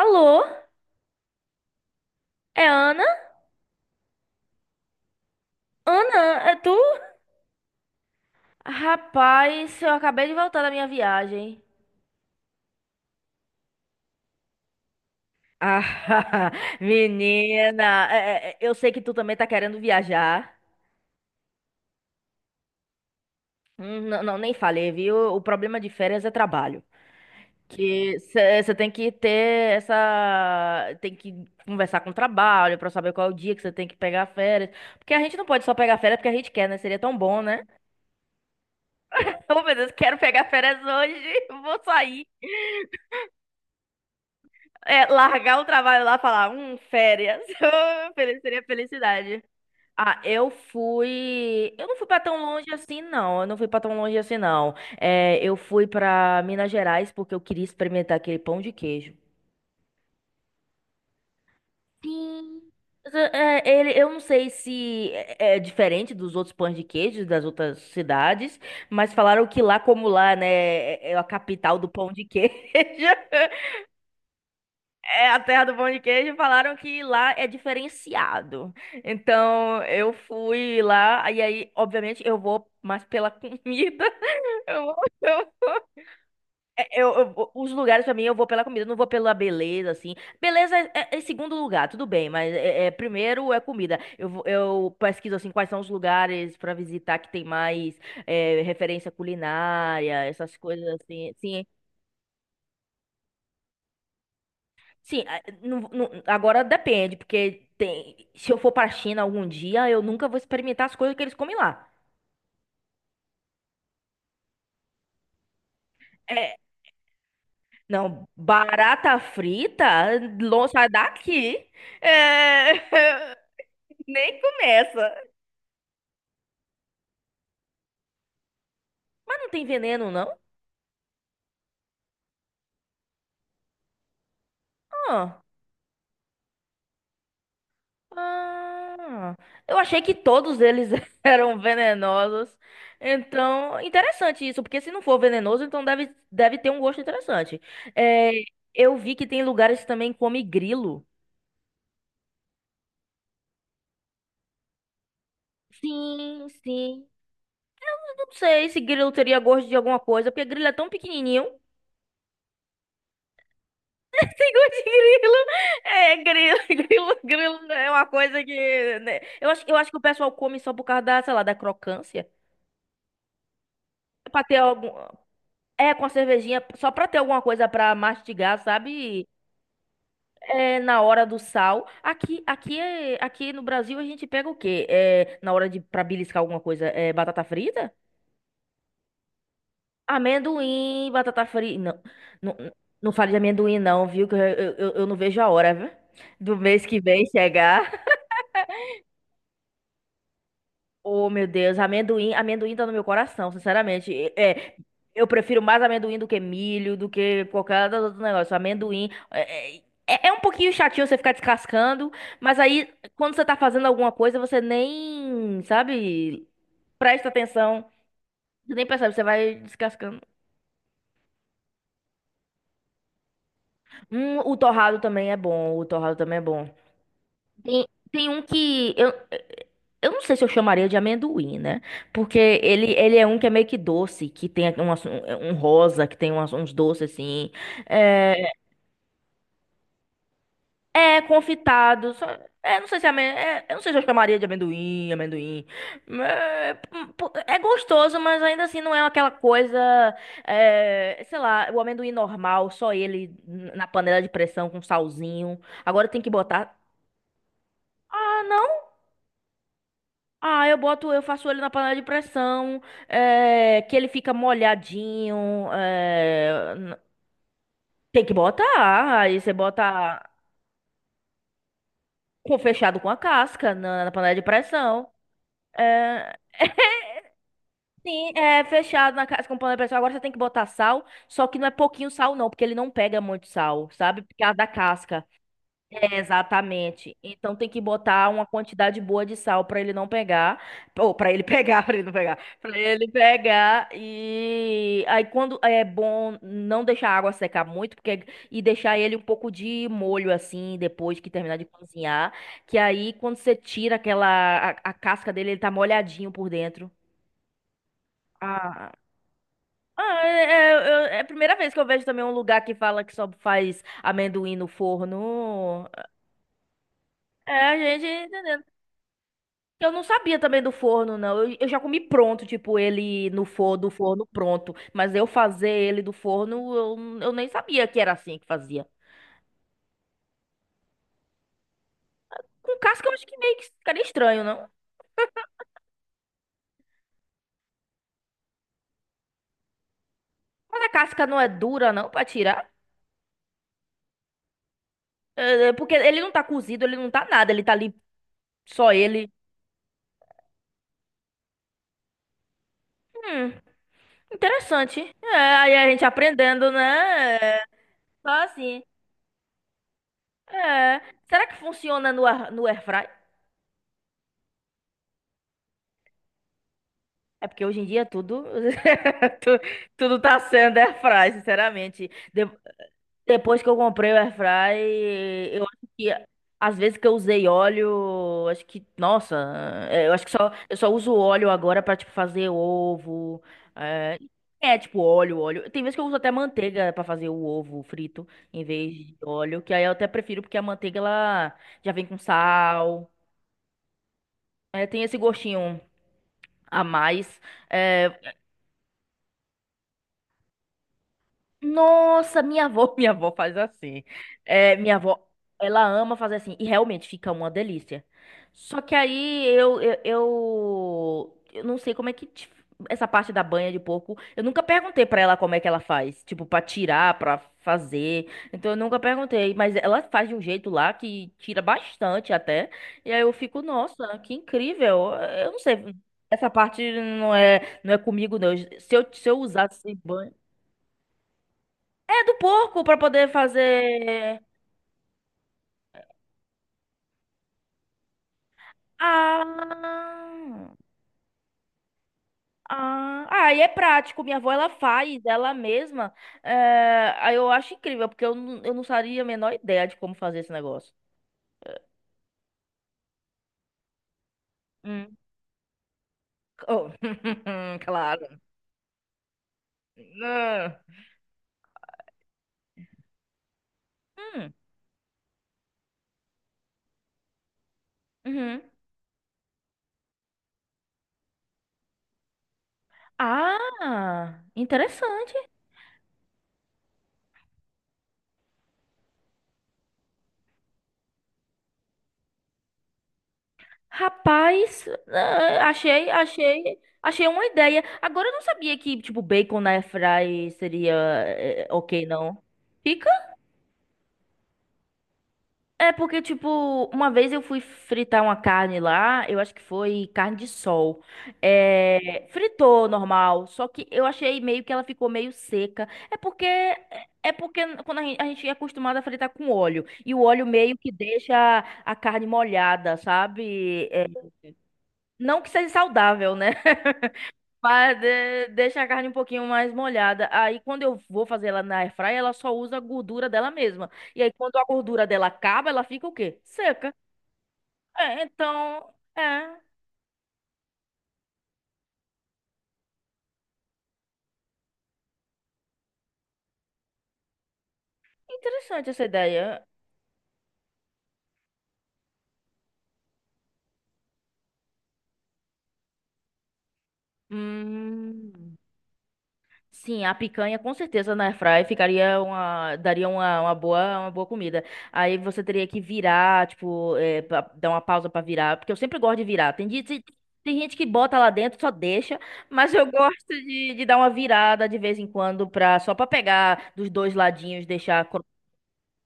Alô? É Ana? Ana, é tu? Rapaz, eu acabei de voltar da minha viagem. Ah, menina, eu sei que tu também tá querendo viajar. Hum. Não, não, nem falei, viu? O problema de férias é trabalho. Que você tem que ter essa. Tem que conversar com o trabalho pra saber qual é o dia que você tem que pegar férias. Porque a gente não pode só pegar férias porque a gente quer, né? Seria tão bom, né? Oh, meu Deus, quero pegar férias hoje, vou sair. É, largar o trabalho lá e falar, férias. Seria felicidade. Ah, eu fui. Eu não fui pra tão longe assim, não. Eu não fui pra tão longe assim, não. É, eu fui pra Minas Gerais porque eu queria experimentar aquele pão de queijo. Sim. Mas, é, ele, eu não sei se é diferente dos outros pães de queijo das outras cidades, mas falaram que lá, como lá, né, é a capital do pão de queijo. É a terra do pão de queijo, falaram que lá é diferenciado. Então, eu fui lá, e aí, obviamente, eu vou mais pela comida. Eu, vou- eu, vou- é, eu vou- Os lugares, pra mim, eu vou pela comida, eu não vou pela beleza, assim. Beleza é, é segundo lugar, tudo bem, mas é, primeiro é comida. Eu pesquiso, assim, quais são os lugares pra visitar que tem mais referência culinária, essas coisas assim. Sim. Sim, agora depende, porque tem, se eu for para a China algum dia, eu nunca vou experimentar as coisas que eles comem lá. É, não, barata frita, sai daqui. É, nem começa. Mas não tem veneno, não? Ah, ah, eu achei que todos eles eram venenosos. Então, interessante isso, porque se não for venenoso, então deve, deve ter um gosto interessante. É, eu vi que tem lugares que também come grilo. Sim, sim. Não sei se grilo teria gosto de alguma coisa, porque grilo é tão pequenininho. Sem gosto de grilo. É, grilo, grilo é uma coisa que, né? Eu acho que o pessoal come só por causa da, sei lá, da crocância. É, pra ter algum... É, com a cervejinha, só pra ter alguma coisa pra mastigar, sabe? É, na hora do sal. Aqui no Brasil a gente pega o quê? É, na hora de, pra beliscar alguma coisa, é batata frita? Amendoim, batata frita. Não, não, não fale de amendoim, não, viu? Que eu não vejo a hora, viu? Do mês que vem chegar. Oh, meu Deus, amendoim tá no meu coração, sinceramente. É, eu prefiro mais amendoim do que milho, do que qualquer outro negócio. Amendoim é, é, é um pouquinho chatinho você ficar descascando, mas aí quando você tá fazendo alguma coisa, você nem, sabe, presta atenção. Você nem percebe, você vai descascando. O torrado também é bom. Tem um que eu não sei se eu chamaria de amendoim, né? Porque ele é um que é meio que doce, que tem um rosa, que tem uns doces assim. É, é confitado. É, não sei se eu não sei se eu chamaria de amendoim. É, pô, é gostoso, mas ainda assim não é aquela coisa. É, sei lá, o amendoim normal, só ele na panela de pressão com salzinho. Agora tem que botar. Ah não Ah, eu boto, eu faço ele na panela de pressão, é, que ele fica molhadinho. É, tem que botar. Aí você bota com fechado com a casca na panela de pressão. É, sim, é fechado na casca com panela de pressão. Agora você tem que botar sal, só que não é pouquinho sal, não, porque ele não pega muito sal, sabe? Por causa da casca. Exatamente. Então tem que botar uma quantidade boa de sal para ele não pegar, ou para ele pegar, para ele não pegar, para ele pegar e aí quando é bom não deixar a água secar muito, porque e deixar ele um pouco de molho assim depois que terminar de cozinhar, que aí quando você tira aquela a casca dele, ele tá molhadinho por dentro. Ah, ah, é, é a primeira vez que eu vejo também um lugar que fala que só faz amendoim no forno. É, a gente entendeu. Eu não sabia também do forno, não. Eu já comi pronto, tipo, ele no forno, do forno pronto. Mas eu fazer ele do forno, eu nem sabia que era assim que fazia. Com casca eu acho que meio que ficaria estranho, não? Mas a casca não é dura, não, pra tirar? É, porque ele não tá cozido, ele não tá nada, ele tá ali só ele. Hum, interessante. É, aí a gente aprendendo, né? É, só assim. É. Será que funciona no airfry? É porque hoje em dia tudo, tu- tudo tá sendo airfry, sinceramente. Depois que eu comprei o airfry, eu acho que às vezes que eu usei óleo, acho que, nossa, é, eu acho que só uso óleo agora pra tipo fazer ovo, é, é, tipo óleo. Tem vezes que eu uso até manteiga pra fazer o ovo frito em vez de óleo, que aí eu até prefiro porque a manteiga ela já vem com sal, é, tem esse gostinho a mais. É, nossa, minha avó, minha avó faz assim. É, minha avó, ela ama fazer assim e realmente fica uma delícia. Só que aí eu não sei como é que essa parte da banha de porco, eu nunca perguntei pra ela como é que ela faz, tipo pra tirar, pra fazer. Então eu nunca perguntei, mas ela faz de um jeito lá que tira bastante até. E aí eu fico, nossa, que incrível. Eu não sei, essa parte não é comigo não. Se eu usasse banho é do porco pra poder fazer. Ah, ah, e é prático. Minha avó ela faz ela mesma. É, aí eu acho incrível, porque eu não faria a menor ideia de como fazer esse negócio. Hum. Oh, claro. Ah. Hum, uhum. Ah, interessante. Rapaz, ah, achei uma ideia. Agora eu não sabia que, tipo, bacon na airfry seria eh, ok, não. É porque, tipo, uma vez eu fui fritar uma carne lá, eu acho que foi carne de sol. É, fritou normal, só que eu achei meio que ela ficou meio seca. É porque quando a gente é acostumado a fritar com óleo, e o óleo meio que deixa a carne molhada, sabe? É, não que seja saudável, né? Mas deixa a carne um pouquinho mais molhada. Aí quando eu vou fazer ela na airfryer, ela só usa a gordura dela mesma. E aí quando a gordura dela acaba, ela fica o quê? Seca. É, então, é interessante essa ideia. Hum. Sim, a picanha com certeza na airfryer ficaria daria uma boa comida. Aí você teria que virar, tipo, é, dar uma pausa pra virar, porque eu sempre gosto de virar. Tem gente que bota lá dentro, só deixa, mas eu gosto de dar uma virada de vez em quando pra, só pra pegar dos dois ladinhos,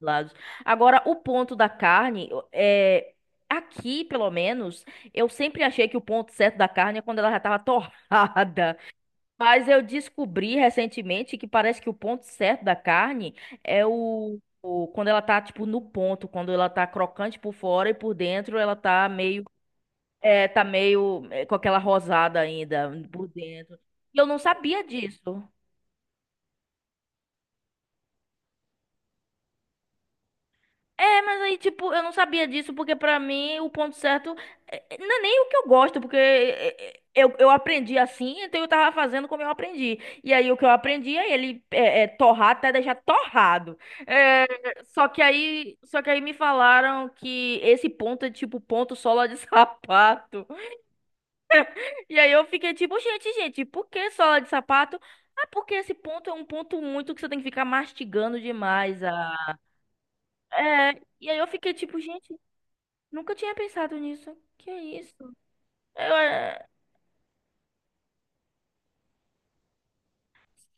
lados. Agora, o ponto da carne é aqui, pelo menos, eu sempre achei que o ponto certo da carne é quando ela já tava torrada. Mas eu descobri recentemente que parece que o ponto certo da carne é quando ela tá tipo no ponto, quando ela tá crocante por fora e por dentro ela tá meio é, com aquela rosada ainda por dentro. E eu não sabia disso. É, mas aí, tipo, eu não sabia disso, porque pra mim o ponto certo não é nem o que eu gosto, porque eu aprendi assim, então eu tava fazendo como eu aprendi. E aí o que eu aprendi é ele é torrar até deixar torrado. É, só que aí me falaram que esse ponto é tipo ponto sola de sapato. E aí eu fiquei tipo, gente, por que sola de sapato? Ah, porque esse ponto é um ponto muito que você tem que ficar mastigando demais. Ah. É, e aí eu fiquei tipo, gente. Nunca tinha pensado nisso. Que é isso? Eu, é,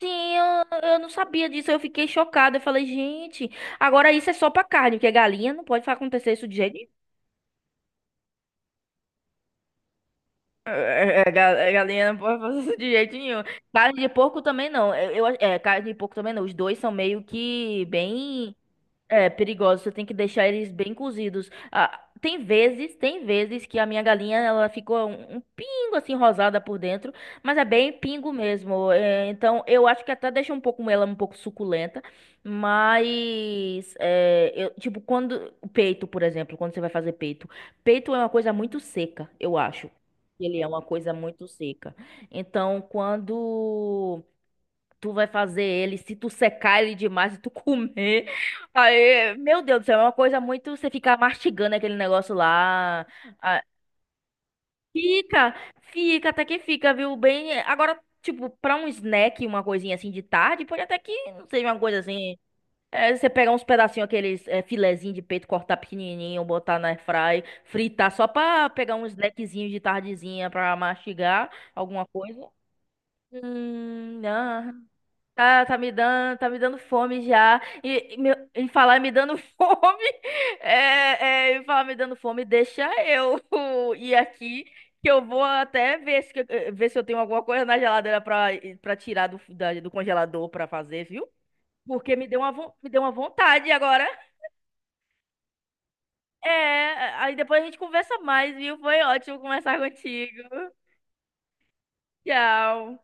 eu não sabia disso. Eu fiquei chocada. Eu falei, gente, agora isso é só pra carne, porque galinha não pode acontecer isso de jeito nenhum. Galinha não pode fazer isso de jeito nenhum. Carne de porco também não. Carne de porco também não. Os dois são meio que bem. É perigoso, você tem que deixar eles bem cozidos. Ah, tem vezes que a minha galinha ela ficou um, um pingo assim rosada por dentro, mas é bem pingo mesmo. É, então eu acho que até deixa um pouco ela um pouco suculenta, mas é, tipo quando o peito, por exemplo, quando você vai fazer peito, peito é uma coisa muito seca, eu acho. Ele é uma coisa muito seca. Então quando tu vai fazer ele, se tu secar ele demais, se tu comer. Aí, meu Deus do céu, é uma coisa muito. Você ficar mastigando aquele negócio lá. Ah, fica, fica, até que fica, viu? Bem. Agora, tipo, pra um snack, uma coisinha assim de tarde, pode até que não seja uma coisa assim. É, você pegar uns pedacinhos, aqueles é, filezinho de peito, cortar pequenininho, botar na airfry, fritar, só pra pegar um snackzinho de tardezinha pra mastigar alguma coisa. Não. Tá me dando fome já. E me- em falar me dando em falar me dando fome, deixa eu ir aqui, que eu vou até ver se, ver se eu tenho alguma coisa na geladeira pra, pra tirar do congelador pra fazer, viu? Porque me deu uma, me deu uma vontade agora. É, aí depois a gente conversa mais, viu? Foi ótimo conversar contigo. Tchau.